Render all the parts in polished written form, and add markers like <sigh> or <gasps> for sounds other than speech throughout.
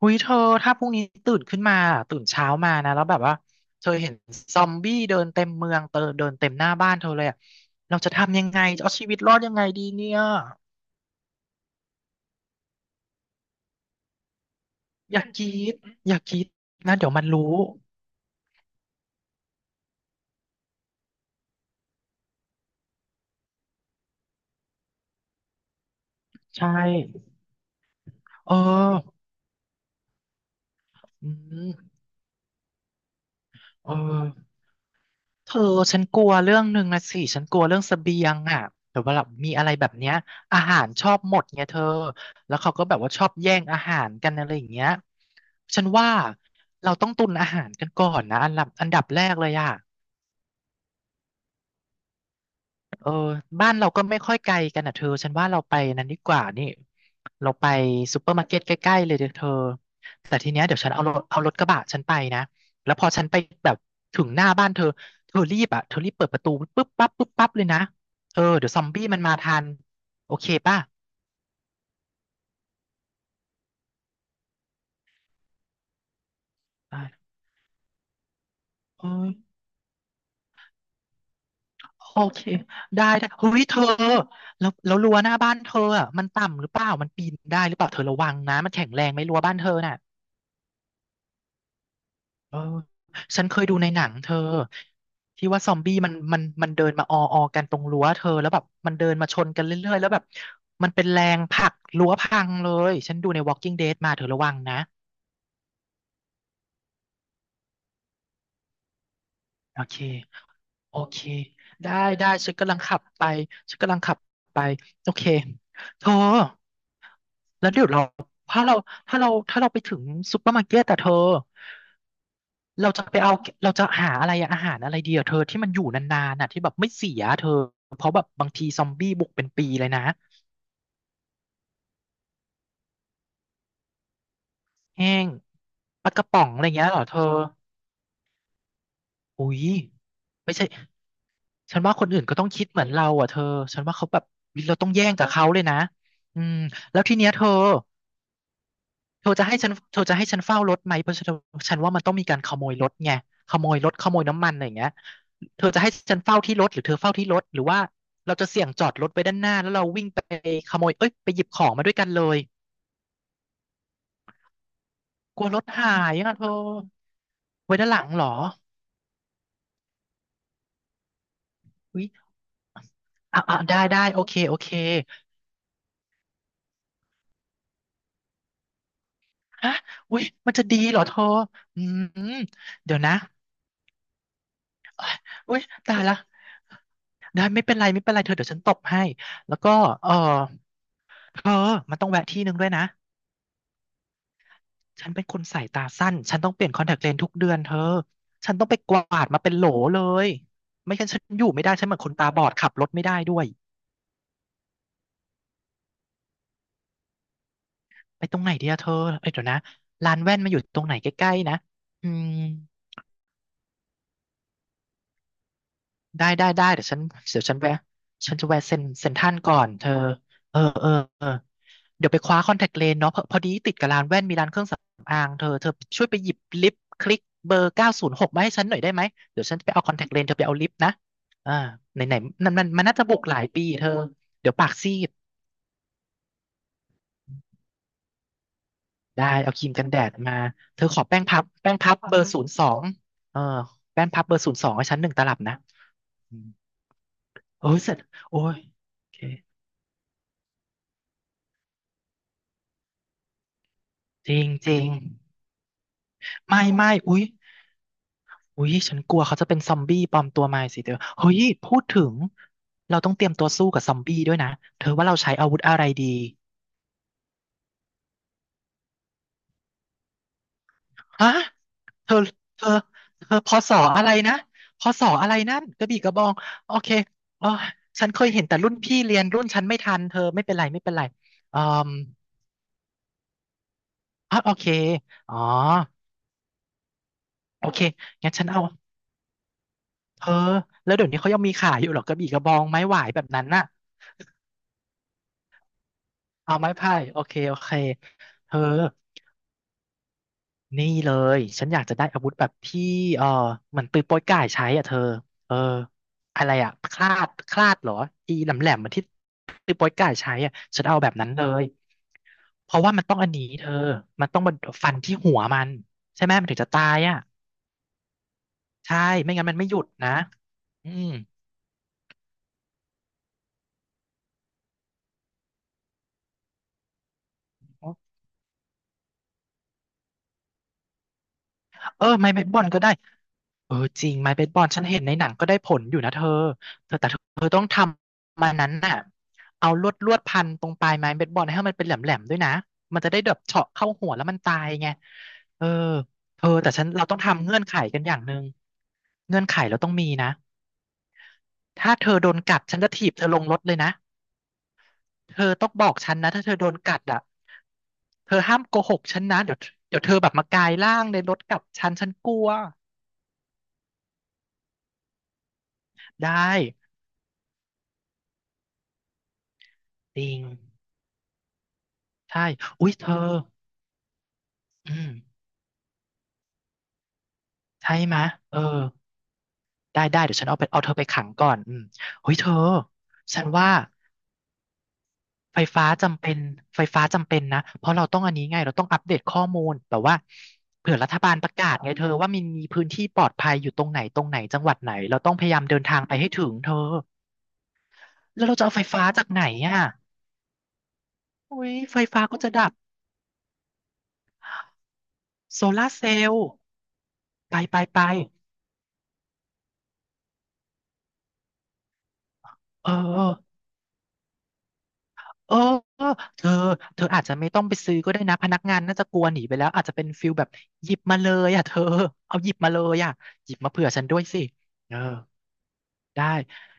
หุยเธอถ้าพรุ่งนี้ตื่นขึ้นมาตื่นเช้ามานะแล้วแบบว่าเธอเห็นซอมบี้เดินเต็มเมืองเตอเดินเต็มหน้าบ้านเธอเลยอะเราจะทำยังไงจะเอาชีวิตรอดยังไงดีเนี่ยอย่ากรีดอย่ากรีดนะเดี๋ยวมันรู้ใช่เอออืมเออ เธอฉันกลัวเรื่องหนึ่งนะสิฉันกลัวเรื่องเสบียงอ่ะแต่ว่าแบบมีอะไรแบบเนี้ยอาหารชอบหมดไงเธอแล้วเขาก็แบบว่าชอบแย่งอาหารกันอะไรอย่างเงี้ยฉันว่าเราต้องตุนอาหารกันก่อนนะอันดับแรกเลยอ่ะ เออบ้านเราก็ไม่ค่อยไกลกันอ่ะเธอฉันว่าเราไปนั้นดีกว่านี่เราไปซูเปอร์มาร์เก็ตใกล้ๆเลยเด้อเธอแต่ทีเนี้ยเดี๋ยวฉันเอารถกระบะฉันไปนะแล้วพอฉันไปแบบถึงหน้าบ้านเธอเธอรีบอ่ะเธอรีบเปิดประตูปุ๊บปั๊บปุ๊บปั๊บเลยนะเออเดี๋ยวซอมบี้มันมาทันโอเคป่ะอเอ้ยโอเคได้ได้เฮ้ยเธอแล้วรั้วหน้าบ้านเธออ่ะมันต่ำหรือเปล่ามันปีนได้หรือเปล่าเธอระวังนะมันแข็งแรงไหมรั้วบ้านเธอน่ะ เออฉันเคยดูในหนังเธอที่ว่าซอมบี้มันเดินมาออออกันตรงรั้วเธอแล้วแบบมันเดินมาชนกันเรื่อยๆแล้วแบบมันเป็นแรงผลักรั้วพังเลยฉันดูใน Walking Dead มาเธอระวังนะโอเคโอเคได้ได้ฉันกำลังขับไปฉันกำลังขับไปโอเคเธอแล้วเดี๋ยวเราถ้าเราถ้าเราไปถึงซุปเปอร์มาร์เก็ตแต่เธอ เราจะไปเอาเราจะหาอะไรอะอาหารอะไรดีอะเธอที่มันอยู่นานๆน่ะที่แบบไม่เสียเธอเพราะแบบบางทีซอมบี้บุกเป็นปีเลยนะแห้งปลากระป๋องอะไรเงี้ยเหรอเธออุ้ยไม่ใช่ฉันว่าคนอื่นก็ต้องคิดเหมือนเราอ่ะเธอฉันว่าเขาแบบเราต้องแย่งกับเขาเลยนะอืมแล้วทีเนี้ยเธอ เธอจะให้ฉันเธอจะให้ฉันเฝ้ารถไหมเพราะฉันฉันว่ามันต้องมีการขโมยรถไงขโมยรถขโมยน้ำมันอะไรอย่างเงี้ยเธอจะให้ฉันเฝ้าที่รถหรือเธอเฝ้าที่รถหรือว่าเราจะเสี่ยงจอดรถไว้ด้านหน้าแล้วเราวิ่งไปขโมยเอ้ยไปหยิบของมาด้วยกันเลยกลัวรถหายอ่ะเธอไว้ด้านหลังเหรออุ้ยอ่ะอ่ะได้ได้โอเคโอเคฮะอุ้ยมันจะดีเหรอเธออืมเดี๋ยวนะอุ้ยตายละได้ไม่เป็นไรไม่เป็นไรเธอเดี๋ยวฉันตบให้แล้วก็เออเธอมันต้องแวะที่หนึ่งด้วยนะ ฉันเป็นคนสายตาสั้นฉันต้องเปลี่ยนคอนแทคเลนส์ทุกเดือนเธอฉันต้องไปกวาดมาเป็นโหลเลยไม่งั้นฉันอยู่ไม่ได้ฉันเหมือนคนตาบอดขับรถไม่ได้ด้วยไปตรงไหนดีอะเธอเอ้ยเดี๋ยวนะร้านแว่นมาอยู่ตรงไหนใกล้ๆนะอืมได้ได้ได้เดี๋ยวฉันแวะฉันจะแวะเซ็นทรัลก่อนเธอเออเออเออ เดี๋ยวไปคว้าคอนแทคเลนส์เนาะพอดีติดกับร้านแว่นมีร้านเครื่องสำอางเธอเธอช่วยไปหยิบลิปคลิกเบอร์906มาให้ฉันหน่อยได้ไหมเดี๋ยวฉันไปเอาคอนแทคเลนส์เธอไปเอาลิปนะอ่าไหนไหนมันน่าจะบวกหลายปีเธอเดี๋ยวปากซีดได้เอาครีมกันแดดมาเธอขอแป้งพับแป้งพับเบอร์ศูนย์สองเออแป้งพับเบอร์ศูนย์สองให้ฉันหนึ่งตลับนะอืมโอ้ยเสร็จโอ้ยโอเคจริงจริงไม่ไม่อุ๊ย อุ้ยฉันกลัวเขาจะเป็นซอมบี้ปลอมตัวมาสิเธอเฮ้ยพูดถึงเราต้องเตรียมตัวสู้กับซอมบี้ด้วยนะเธอว่าเราใช้อาวุธอะไรดีฮะเธอเธอเธอพอสออะไรนะพอสออะไรนั่นกระบี่กระบองโอเคอ๋อฉันเคยเห็นแต่รุ่นพี่เรียนรุ่นฉันไม่ทันเธอไม่เป็นไรไม่เป็นไรอืมอ๋อโอเคอ๋อโอเคงั้นฉันเอาเธอแล้วเดี๋ยวนี้เขายังมีขายอยู่เหรอกระบี่กระบองไม้หวายแบบนั้นน่ะเอาไม้ไผ่โอเคโอเคเธอ นี่เลยฉันอยากจะได้อาวุธแบบที่เออเหมือนปืนโป๊ยก่ายใช้อ่ะเธอเอออะไรอ่ะคลาดเหรออีแหลมแหลมเหมือนที่ปืนโป๊ยก่ายใช้อ่ะฉันเอาแบบนั้นเลยเพราะว่ามันต้องอันนี้เธอมันต้องมาฟันที่หัวมันใช่ไหมมันถึงจะตายอ่ะใช่ไม่งั้นมันไม่หยุดนะอืมเออไม้เบสบอลก็ได้เออจริงไม้เบสบอลฉันเห็นในหนังก็ได้ผลอยู่นะเธอ เธอต้องทำมันนั้นน่ะเอาลวดพันตรงปลายไม้เบสบอลให้มันเป็นแหลมแหลมด้วยนะมันจะได้แบบเฉาะเข้าหัวแล้วมันตายไงเออเธอแต่ฉันเราต้องทำเงื่อนไขกันอย่างหนึ่งเงื่อนไขเราต้องมีนะถ้าเธอโดนกัดฉันจะถีบเธอลงรถเลยนะเธอต้องบอกฉันนะถ้าเธอโดนกัดอ่ะเธอห้ามโกหกฉันนะเดี๋ยวเดี๋ยวเธอแบบมากายร่างในรถกับฉันฉันกลัวได้จริงใช่อุ๊ยเธออืมใช่ไหมะเออ ได้ได้เดี๋ยวฉันเอาไปเอาเธอไปขังก่อนอืมเฮ้ยเธอฉันว่าไฟฟ้าจำเป็นไฟฟ้าจำเป็นนะเพราะเราต้องอันนี้ไงเราต้องอัปเดตข้อมูลแบบว่าเผื่อรัฐบาลประกาศไงเธอว่ามันมีพื้นที่ปลอดภัยอยู่ตรงไหนตรงไหนจังหวัดไหนเราต้องพยายามเดินทางไปให้ถึงเธอแล้วเราจะเอาไฟฟ้าจากไหนอ่ะโอ้ยไฟฟ้าก็จะดับโซลาร์เซลล์ไปไปไปเออ เออเธออาจจะไม่ต้องไปซื้อก็ได้นะพนักงานน่าจะกลัวหนีไปแล้วอาจจะเป็นฟิลแบบหยิบมาเลยอ่ะเธอเอาหยิบมาเลยอ่ะหยิบมาเผื่อฉันด้วยสิเออได้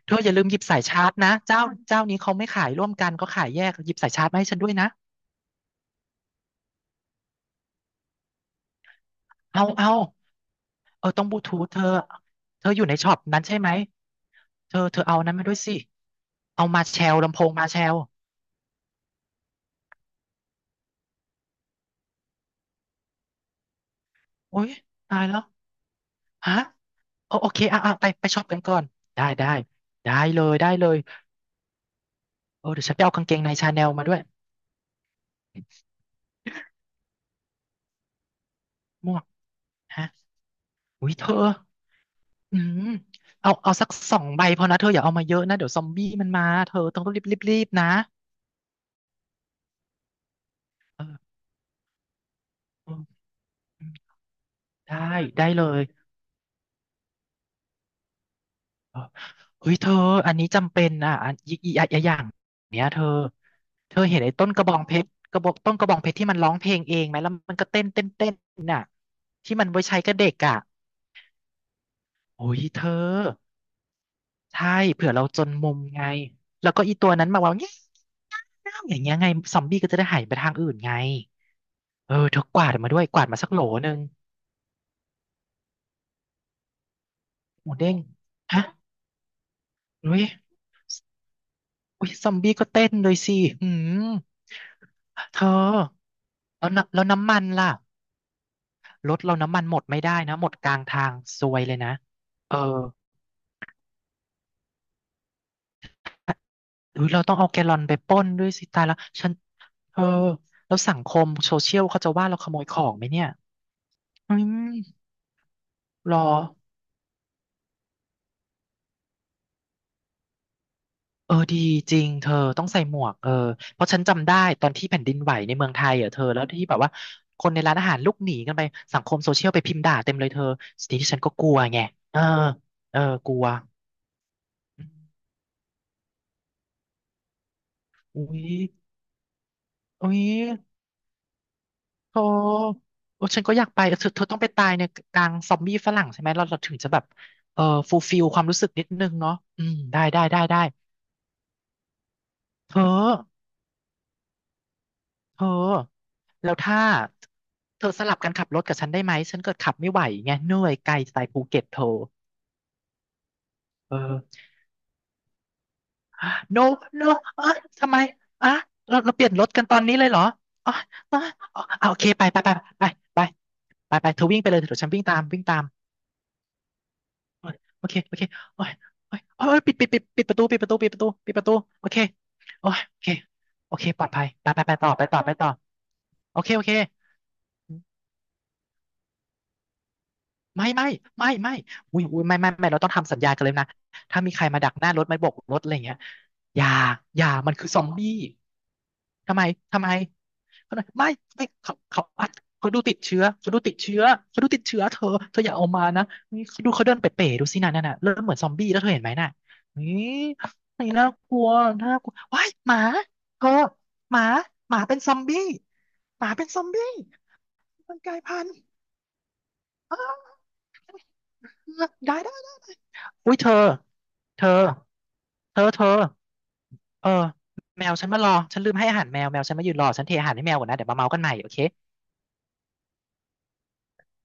เธออย่าลืมหยิบสายชาร์จนะเจ้าเจ้านี้เขาไม่ขายร่วมกันเขาขายแยกหยิบสายชาร์จมาให้ฉันด้วยนะเอาเอาเออต้องบลูทูธเธอเธออยู่ในช็อปนั้นใช่ไหมเธอเอานั้นมาด้วยสิเอามาแชลลำโพงมาแชลโอ๊ยตายแล้วฮะ โอโอเคอ่ะอ่ะไปไปช็อปกันก่อน ได้ได้ได้เลยได้เลยเออเดี๋ยวฉันไปเอากางเกงในชาแนลมาด้วยหมวกฮะอุ้ยเธออืมเอาเอาสักสองใบพอนะเธออย่าเอามาเยอะนะเดี๋ยวซอมบี้มันมา เธอต้องรีบนะเออเออได้ได้เลยเออเฮ้ยเธอ อันนี้จำเป็นอ่ะอันอีกอย่างเนี้ยเธอเธอเห็นไอ้ต้นกระบองเพชรกระบอกต้นกระบองเพชรที่มันร้องเพลงเองไหมแล้วมันก็เต้นน่ะที่มันไว้ใช้กับเด็กอ่ะโอ้ยเธอ ใช่เผื่อเราจนมุมไงแล้วก็อีตัวนั้นมาว่าเงี้ยอย่างเงี้ยไงซอมบี้ก็จะได้หายไปทางอื่นไงเออเธอกวาดมาด้วยกวาดมาสักโหลหนึ่งหมูเด้งฮะอุ้ยอุ้ยซอมบี้ก็เต้นเลยสิหืมเธอแล้วน้ำแล้วน้ำมันล่ะรถเราน้ำมันหมดไม่ได้นะหมดกลางทางซวยเลยนะเออหรือเราต้องเอาแกลลอนไปปล้นด้วยสิตายแล้วฉันเออแล้วสังคมโซเชียลเขาจะว่าเราขโมยของไหมเนี่ยอืมรอ เออดีจริงเธอต้องใส่หมวกเออเพราะฉันจำได้ตอนที่แผ่นดินไหวในเมืองไทยอ่ะเธอแล้วที่แบบว่าคนในร้านอาหารลุกหนีกันไปสังคมโซเชียลไปพิมพ์ด่าเต็มเลยเธอสิ่ที่ฉันก็กลัวไงเออเออกลัวอืมอุ๊ยอุ๊ยโธโอ้ฉันก็อยากไปเเธอเธอต้องไปตายในกลางซอมบี้ฝรั่งใช่ไหมเราเราถึงจะแบบเออฟูลฟิลความรู้สึกนิดนึงเนาะอืมได้ได้ได้ได้เธอ เธอแล้วถ้าเธอสลับกันขับรถกับฉันได้ไหมฉันเกิดขับไม่ไหวไงเหนื่อยไกลสไตล์ภูเก็ตเธอเออ <gasps> no no เอ้ยทำไมอ่ะเราเปลี่ยนรถกันตอนนี้เลยเหรออ๋ออ๋ออ๋ออ่ะโอเคไปไปไปไปไปไปไปเธอวิ่งไปเลยเดี๋ยวฉันวิ่งตามวิ่งตามโอ้ยโอเคโอเคโอ้ยโอ้ยปิดประตูปิดประตูปิดประตูปิดประตูโอเคโอ้ยโอเคโอเคปลอดภัยไปไปต่อไปต่อโอเคโอเค ไม่ไม่ไม่อุ้ยไม่เราต้องทำสัญญากันเลยนะถ้ามีใครมาดักหน้ารถไม่โบกรถอะไรอย่างเงี้ยอย่าอย่ามันคือซอมบี้ทำไมทำไมเขาบอกไม่ไม่เขาอัดเขาดูติดเชื้อเขาดูติดเชื้อเขาดูติดเชื้อเธอเธออย่าเอามานะนี่เขาดูเขาเดินเป๋ๆดูสิน่ะนั่นน่ะเริ่มเหมือนซอมบี้แล้วเธอเห็นไหมน่ะนี่นี่น่ากลัวน่ากลัวว้ายหมาเธอหมาหมาเป็นซอมบี้หมาเป็นซอมบี้มันกลายพันธุ์อ้าวได้ได้ อุ้ยเธอเธอเธอเออแมวฉันมารอฉันลืมให้อาหารแมวแมวฉันมายืนรอฉันเทอาหารให้แมวก่อนนะเดี๋ยวมาเมากันใหม่โอเค